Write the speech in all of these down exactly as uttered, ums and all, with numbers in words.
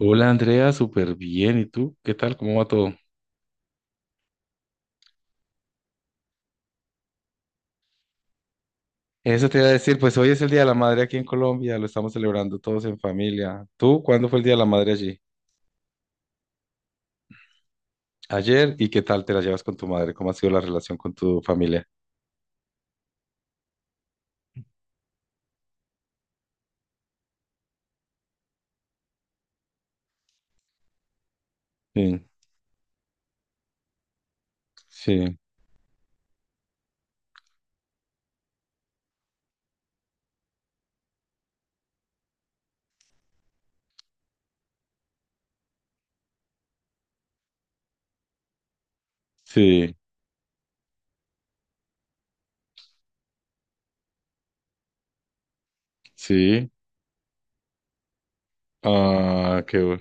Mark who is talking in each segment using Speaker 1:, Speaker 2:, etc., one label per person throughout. Speaker 1: Hola Andrea, súper bien. ¿Y tú? ¿Qué tal? ¿Cómo va todo? Eso te iba a decir, pues hoy es el Día de la Madre aquí en Colombia, lo estamos celebrando todos en familia. ¿Tú cuándo fue el Día de la Madre allí? Ayer, ¿y qué tal te la llevas con tu madre? ¿Cómo ha sido la relación con tu familia? Sí, sí, sí, sí. Ah, qué, bo-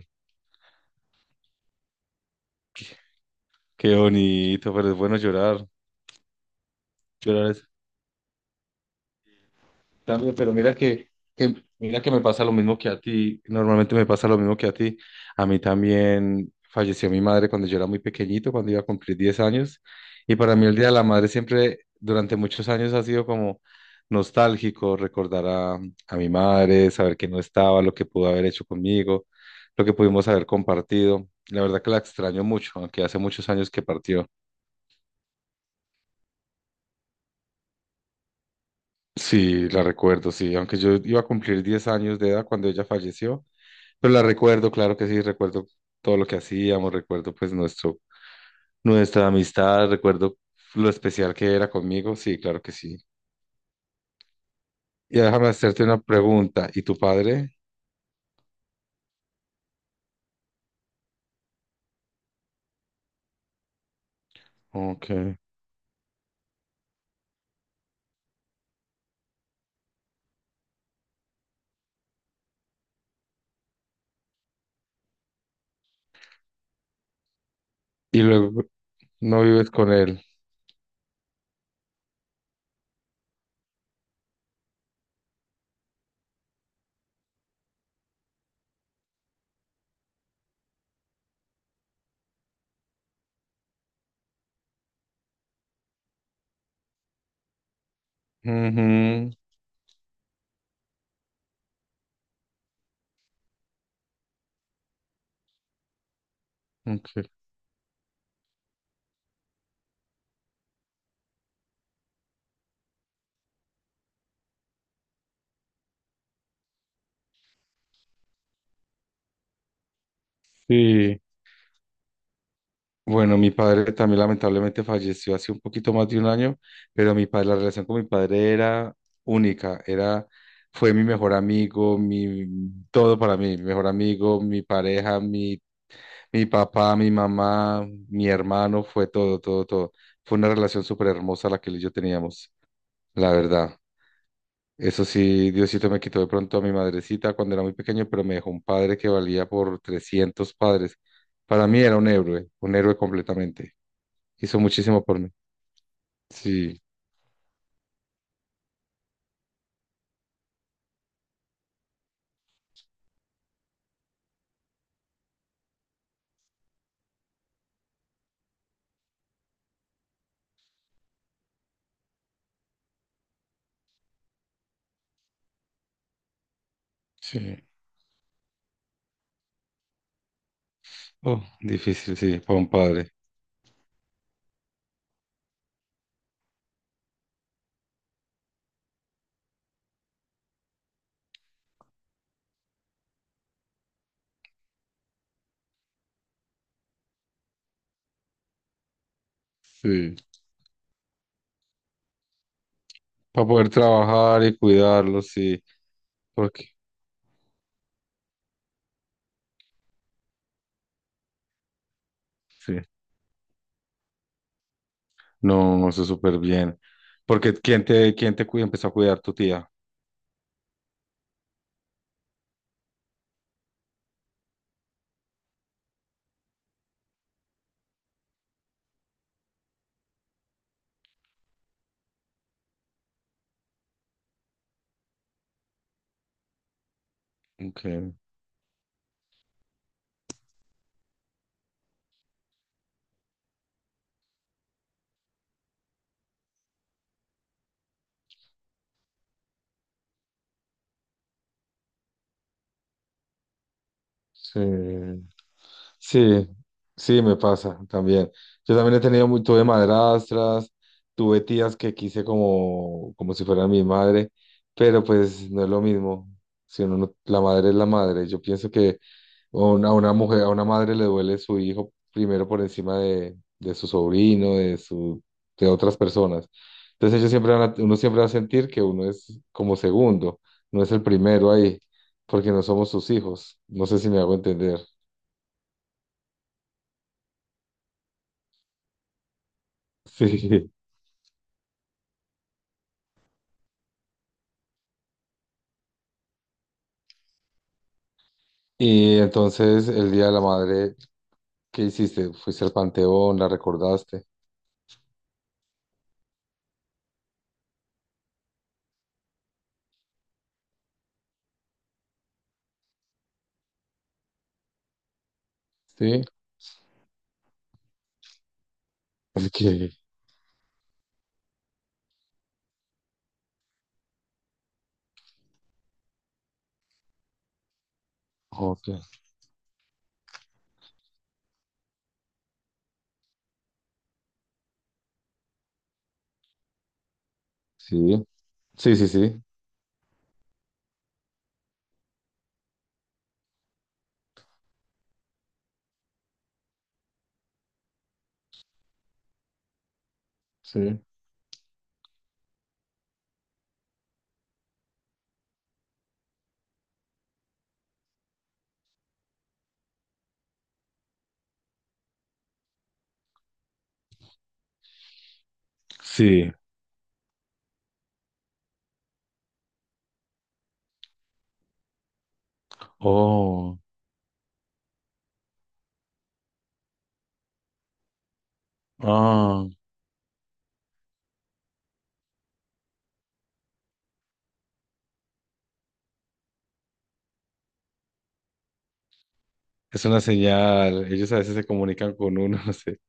Speaker 1: qué bonito, pero es bueno llorar. Llorar es. También, pero mira que, que- mira que me pasa lo mismo que a ti. Normalmente me pasa lo mismo que a ti. A mí también falleció mi madre cuando yo era muy pequeñito, cuando iba a cumplir diez años. Y para mí el Día de la Madre siempre, durante muchos años, ha sido como nostálgico recordar a, a mi madre, saber que no estaba, lo que pudo haber hecho conmigo, lo que pudimos haber compartido. La verdad que la extraño mucho, aunque hace muchos años que partió. Sí, la recuerdo, sí. Aunque yo iba a cumplir diez años de edad cuando ella falleció. Pero la recuerdo, claro que sí, recuerdo todo lo que hacíamos, recuerdo pues nuestro, nuestra amistad, recuerdo lo especial que era conmigo, sí, claro que sí. Y déjame hacerte una pregunta, ¿y tu padre? Ok. Y luego no vives con él. Ujú, ok. Sí. Bueno, mi padre también lamentablemente falleció hace un poquito más de un año, pero mi padre, la relación con mi padre era única, era, fue mi mejor amigo, mi, todo para mí, mi mejor amigo, mi pareja, mi, mi papá, mi mamá, mi hermano, fue todo, todo, todo. Fue una relación súper hermosa la que él y yo teníamos, la verdad. Eso sí, Diosito me quitó de pronto a mi madrecita cuando era muy pequeño, pero me dejó un padre que valía por trescientos padres. Para mí era un héroe, un héroe completamente hizo muchísimo por mí. Sí, sí. Oh, difícil, sí, para un padre. Sí, para poder trabajar y cuidarlo, sí. Porque, sí, no, eso es súper bien. Porque, ¿quién te, quién te cuida? Empezó a cuidar tu tía. Okay, sí. Sí, sí, me pasa también. Yo también he tenido, mu- tuve madrastras, tuve tías que quise como, como si fueran mi madre, pero pues no es lo mismo. Si uno no- la madre es la madre. Yo pienso que una- a una mujer, a una madre le duele su hijo primero por encima de, de su sobrino, de su, de otras personas. Entonces ellos siempre van a- uno siempre va a sentir que uno es como segundo, no es el primero ahí, porque no somos sus hijos. No sé si me hago entender. Sí. Y entonces el Día de la Madre, ¿qué hiciste? ¿Fuiste al panteón? ¿La recordaste? Sí. ¿Por qué? Ok. Sí. Sí, sí, sí. Sí. Sí. Oh. Ah. Es una señal. Ellos a veces se comunican con uno, no sé.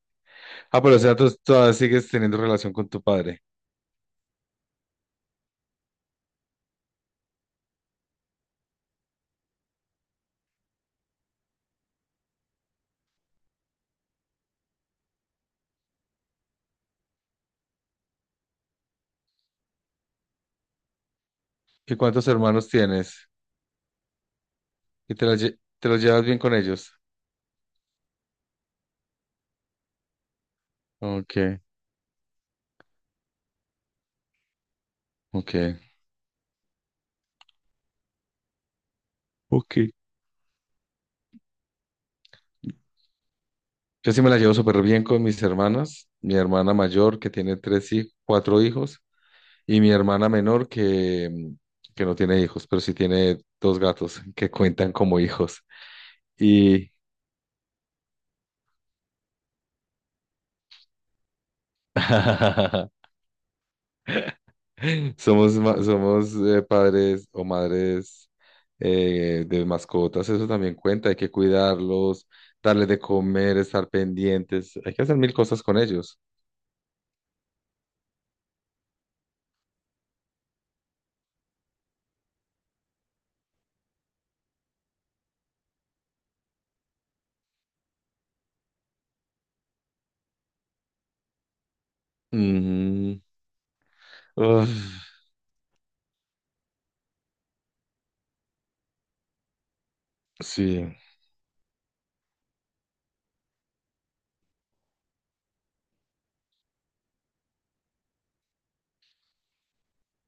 Speaker 1: Ah, pero o sea, tú todavía sigues teniendo relación con tu padre. ¿Y cuántos hermanos tienes? ¿Y te, la lle- te los llevas bien con ellos? Ok, ok. Ok. Yo sí me la llevo súper bien con mis hermanas. Mi hermana mayor, que tiene tres hijos, cuatro hijos. Y mi hermana menor que, mm, que no tiene hijos, pero sí tiene dos gatos que cuentan como hijos. Y somos, ma- somos eh, padres o madres eh, de mascotas, eso también cuenta, hay que cuidarlos, darles de comer, estar pendientes, hay que hacer mil cosas con ellos. Ujú. Uf, sí,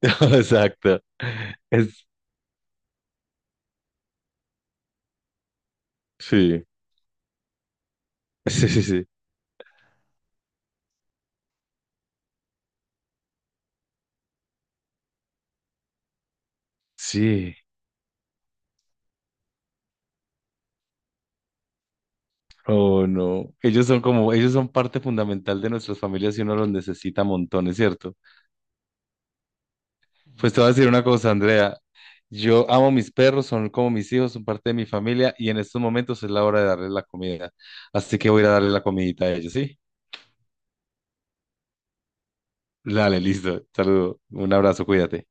Speaker 1: exacto. Es, sí, sí, sí, sí. Sí. Oh, no. Ellos son como, ellos son parte fundamental de nuestras familias y uno los necesita montones, ¿cierto? Pues te voy a decir una cosa, Andrea. Yo amo mis perros, son como mis hijos, son parte de mi familia y en estos momentos es la hora de darles la comida. Así que voy a ir a darle la comidita a ellos, ¿sí? Dale, listo. Saludo. Un abrazo, cuídate.